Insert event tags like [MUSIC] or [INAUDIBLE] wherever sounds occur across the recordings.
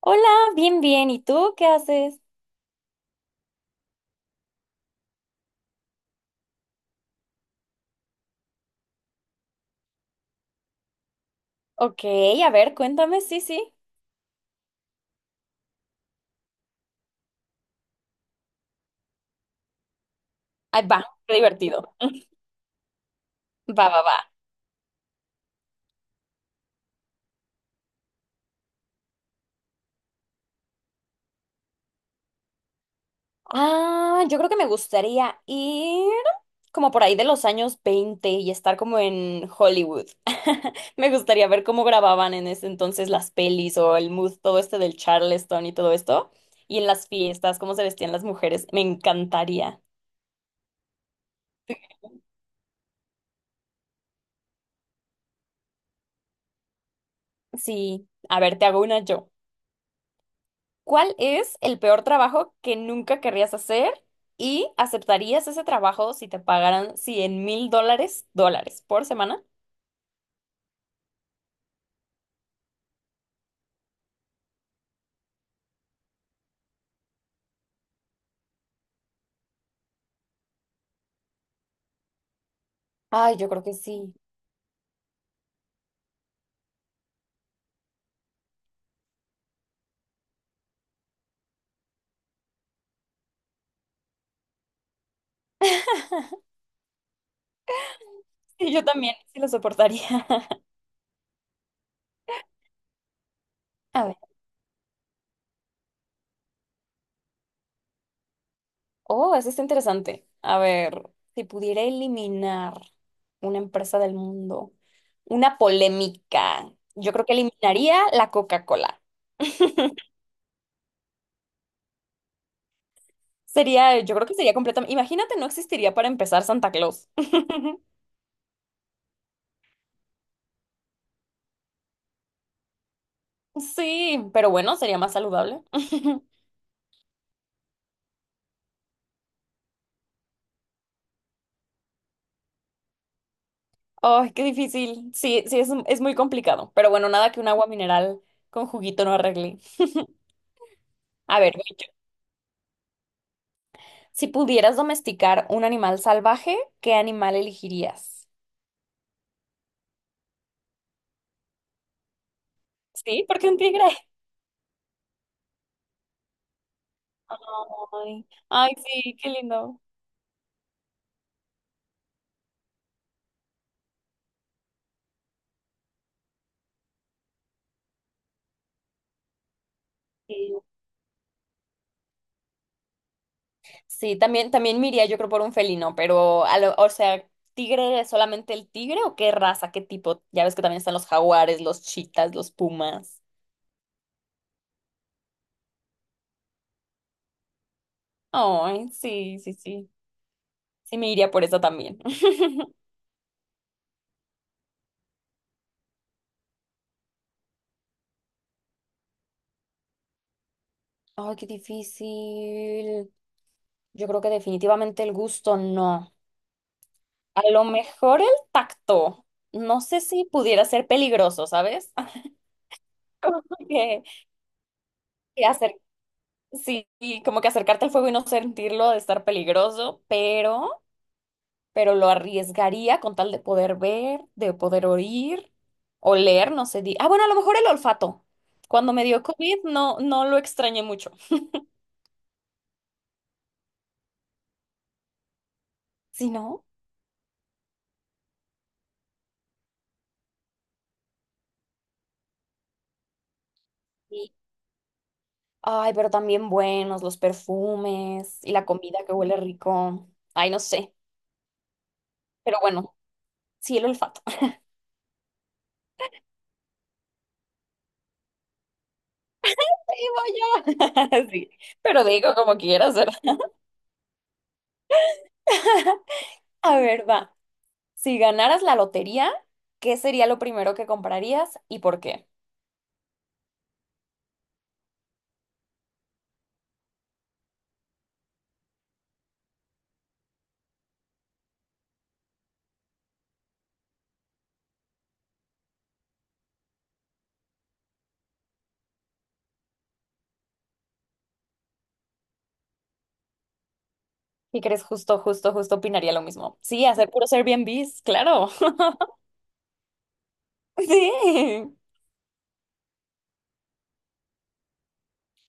Hola, bien, bien. ¿Y tú qué haces? Ok, a ver, cuéntame. Sí, sí. Ahí va, qué divertido. Va, va, va. Ah, yo creo que me gustaría ir como por ahí de los años 20 y estar como en Hollywood. [LAUGHS] Me gustaría ver cómo grababan en ese entonces las pelis o el mood, todo este del Charleston y todo esto. Y en las fiestas, cómo se vestían las mujeres. Me encantaría. Sí, a ver, te hago una yo. ¿Cuál es el peor trabajo que nunca querrías hacer y aceptarías ese trabajo si te pagaran 100 mil dólares por semana? Ay, yo creo que sí. [LAUGHS] Sí, yo también, sí lo soportaría. [LAUGHS] A ver. Oh, eso está interesante. A ver, si pudiera eliminar una empresa del mundo, una polémica, yo creo que eliminaría la Coca-Cola. [LAUGHS] Sería, yo creo que sería completamente. Imagínate, no existiría para empezar Santa Claus. [LAUGHS] Sí, pero bueno, sería más saludable. [LAUGHS] Ay, qué difícil. Sí, sí, es muy complicado. Pero bueno, nada que un agua mineral con juguito no arregle. A ver, voy yo. Si pudieras domesticar un animal salvaje, ¿qué animal elegirías? Sí, porque un tigre. Ay, ay, sí, qué lindo. Sí, sí, también, también me iría, yo creo, por un felino, pero, o sea, ¿tigre es solamente el tigre o qué raza, qué tipo? Ya ves que también están los jaguares, los chitas, los pumas. Ay, sí, sí, sí. Sí, me iría por eso también. [LAUGHS] Ay, qué difícil. Yo creo que definitivamente el gusto no. A lo mejor el tacto. No sé si pudiera ser peligroso, ¿sabes? [LAUGHS] Como que, que acer- sí, y como que acercarte al fuego y no sentirlo de estar peligroso, pero lo arriesgaría con tal de poder ver, de poder oír, oler, no sé. Ah, bueno, a lo mejor el olfato. Cuando me dio COVID no lo extrañé mucho. Si no. Sí. Ay, pero también buenos los perfumes y la comida que huele rico. Ay, no sé. Pero bueno, sí, el olfato. [LAUGHS] Ahí voy yo. [LAUGHS] Sí, pero digo como quieras, ¿verdad? A ver, va. Si ganaras la lotería, ¿qué sería lo primero que comprarías y por qué? ¿Y crees justo, justo, justo opinaría lo mismo? Sí, hacer puros Airbnbs, claro. [LAUGHS] Sí.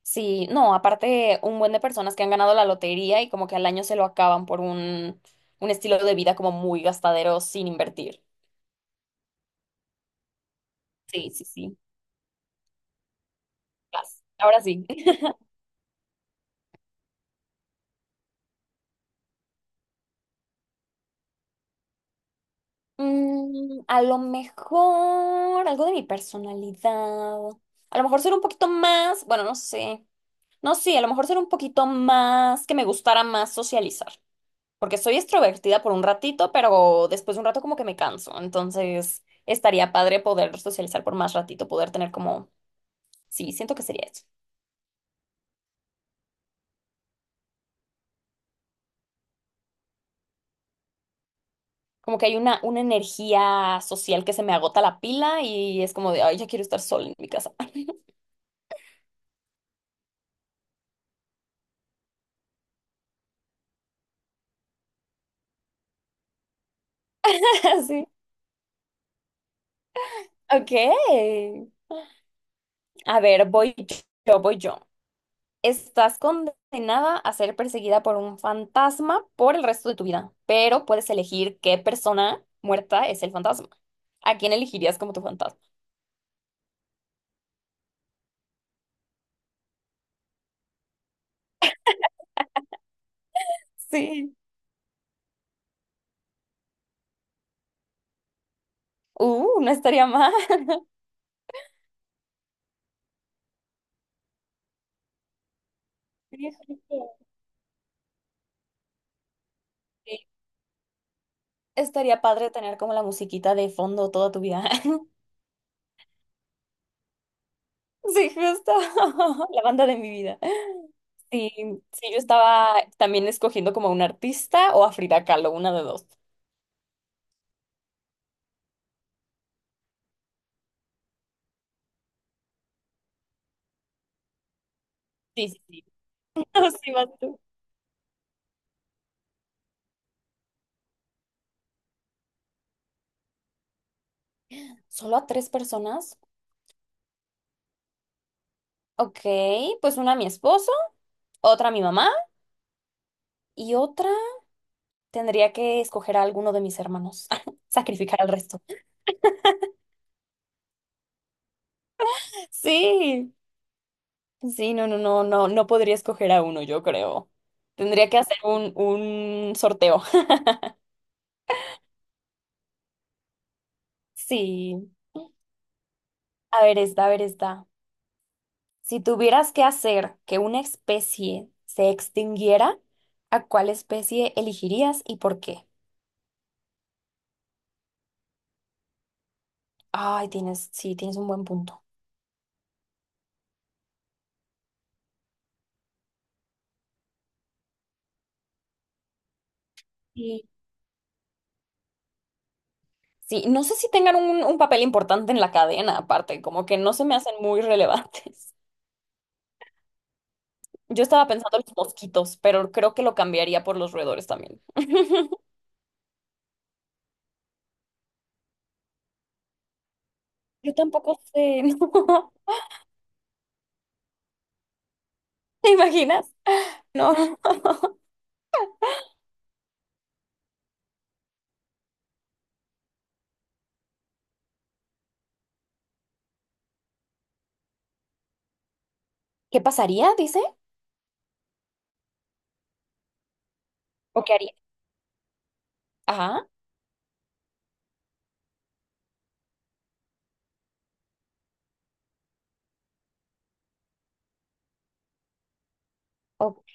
Sí, no, aparte un buen de personas que han ganado la lotería y como que al año se lo acaban por un estilo de vida como muy gastadero sin invertir. Sí, sí, sí. Vas. Ahora sí. [LAUGHS] Mm, a lo mejor algo de mi personalidad. A lo mejor ser un poquito más, bueno, no sé. No, sí, a lo mejor ser un poquito más que me gustara más socializar. Porque soy extrovertida por un ratito, pero después de un rato como que me canso. Entonces, estaría padre poder socializar por más ratito, poder tener como, sí, siento que sería eso. Como que hay una energía social que se me agota la pila y es como de, ay, ya quiero estar sola en mi casa. [LAUGHS] Sí. Ok. A ver, voy yo. Estás condenada a ser perseguida por un fantasma por el resto de tu vida, pero puedes elegir qué persona muerta es el fantasma. ¿A quién elegirías como tu fantasma? Sí. No estaría mal. [LAUGHS] Sí, justo. Sí. Estaría padre tener como la musiquita de fondo toda tu vida. [LAUGHS] Sí, justo. [LAUGHS] La banda de mi vida. Sí, sí, yo estaba también escogiendo como a un artista o a Frida Kahlo, una de dos. Sí, sí, sí. [LAUGHS] No, sí, vas tú. Solo a tres personas. Ok, pues una a mi esposo, otra a mi mamá y otra tendría que escoger a alguno de mis hermanos. [LAUGHS] Sacrificar al resto. Sí, sí, no, no, no, no, no podría escoger a uno, yo creo. Tendría que hacer un sorteo. [LAUGHS] Sí. A ver, esta, a ver, esta. Si tuvieras que hacer que una especie se extinguiera, ¿a cuál especie elegirías y por qué? Ay, tienes, sí, tienes un buen punto. Sí, no sé si tengan un papel importante en la cadena, aparte, como que no se me hacen muy relevantes. [LAUGHS] Yo estaba pensando en los mosquitos, pero creo que lo cambiaría por los roedores también. [LAUGHS] Yo tampoco sé, [LAUGHS] ¿no? ¿Te imaginas? No. ¿Qué pasaría, dice? ¿O qué haría? Ajá. Ok.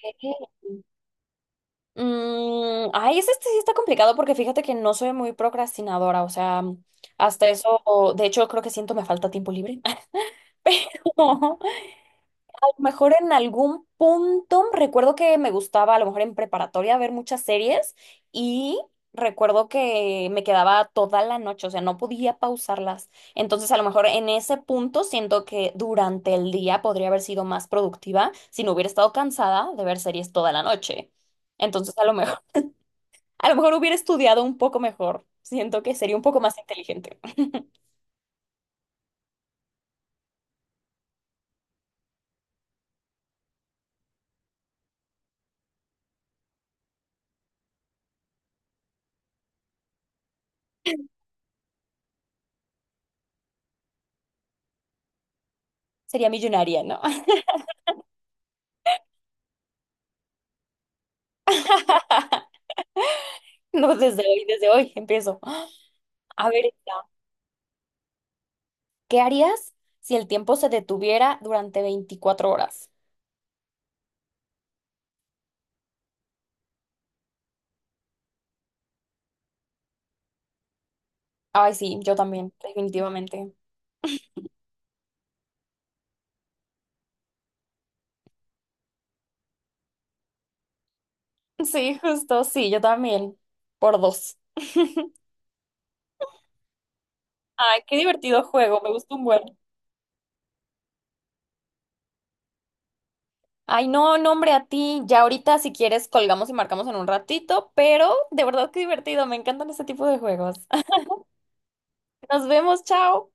Mm, ay, ese este sí está complicado porque fíjate que no soy muy procrastinadora, o sea, hasta eso, de hecho creo que siento me falta tiempo libre, [LAUGHS] pero mejor en algún punto, recuerdo que me gustaba a lo mejor en preparatoria ver muchas series y recuerdo que me quedaba toda la noche, o sea, no podía pausarlas. Entonces, a lo mejor en ese punto siento que durante el día podría haber sido más productiva si no hubiera estado cansada de ver series toda la noche. Entonces, a lo mejor hubiera estudiado un poco mejor. Siento que sería un poco más inteligente. [LAUGHS] Sería millonaria, ¿no? [LAUGHS] No, desde hoy empiezo. A ver. ¿Qué harías si el tiempo se detuviera durante 24 horas? Ay, sí, yo también, definitivamente. [LAUGHS] Sí, justo, sí, yo también. Por dos. [LAUGHS] Ay, qué divertido juego, me gusta un buen. Ay, no, no, hombre, a ti. Ya ahorita, si quieres, colgamos y marcamos en un ratito, pero de verdad qué divertido, me encantan este tipo de juegos. [LAUGHS] Nos vemos, chao.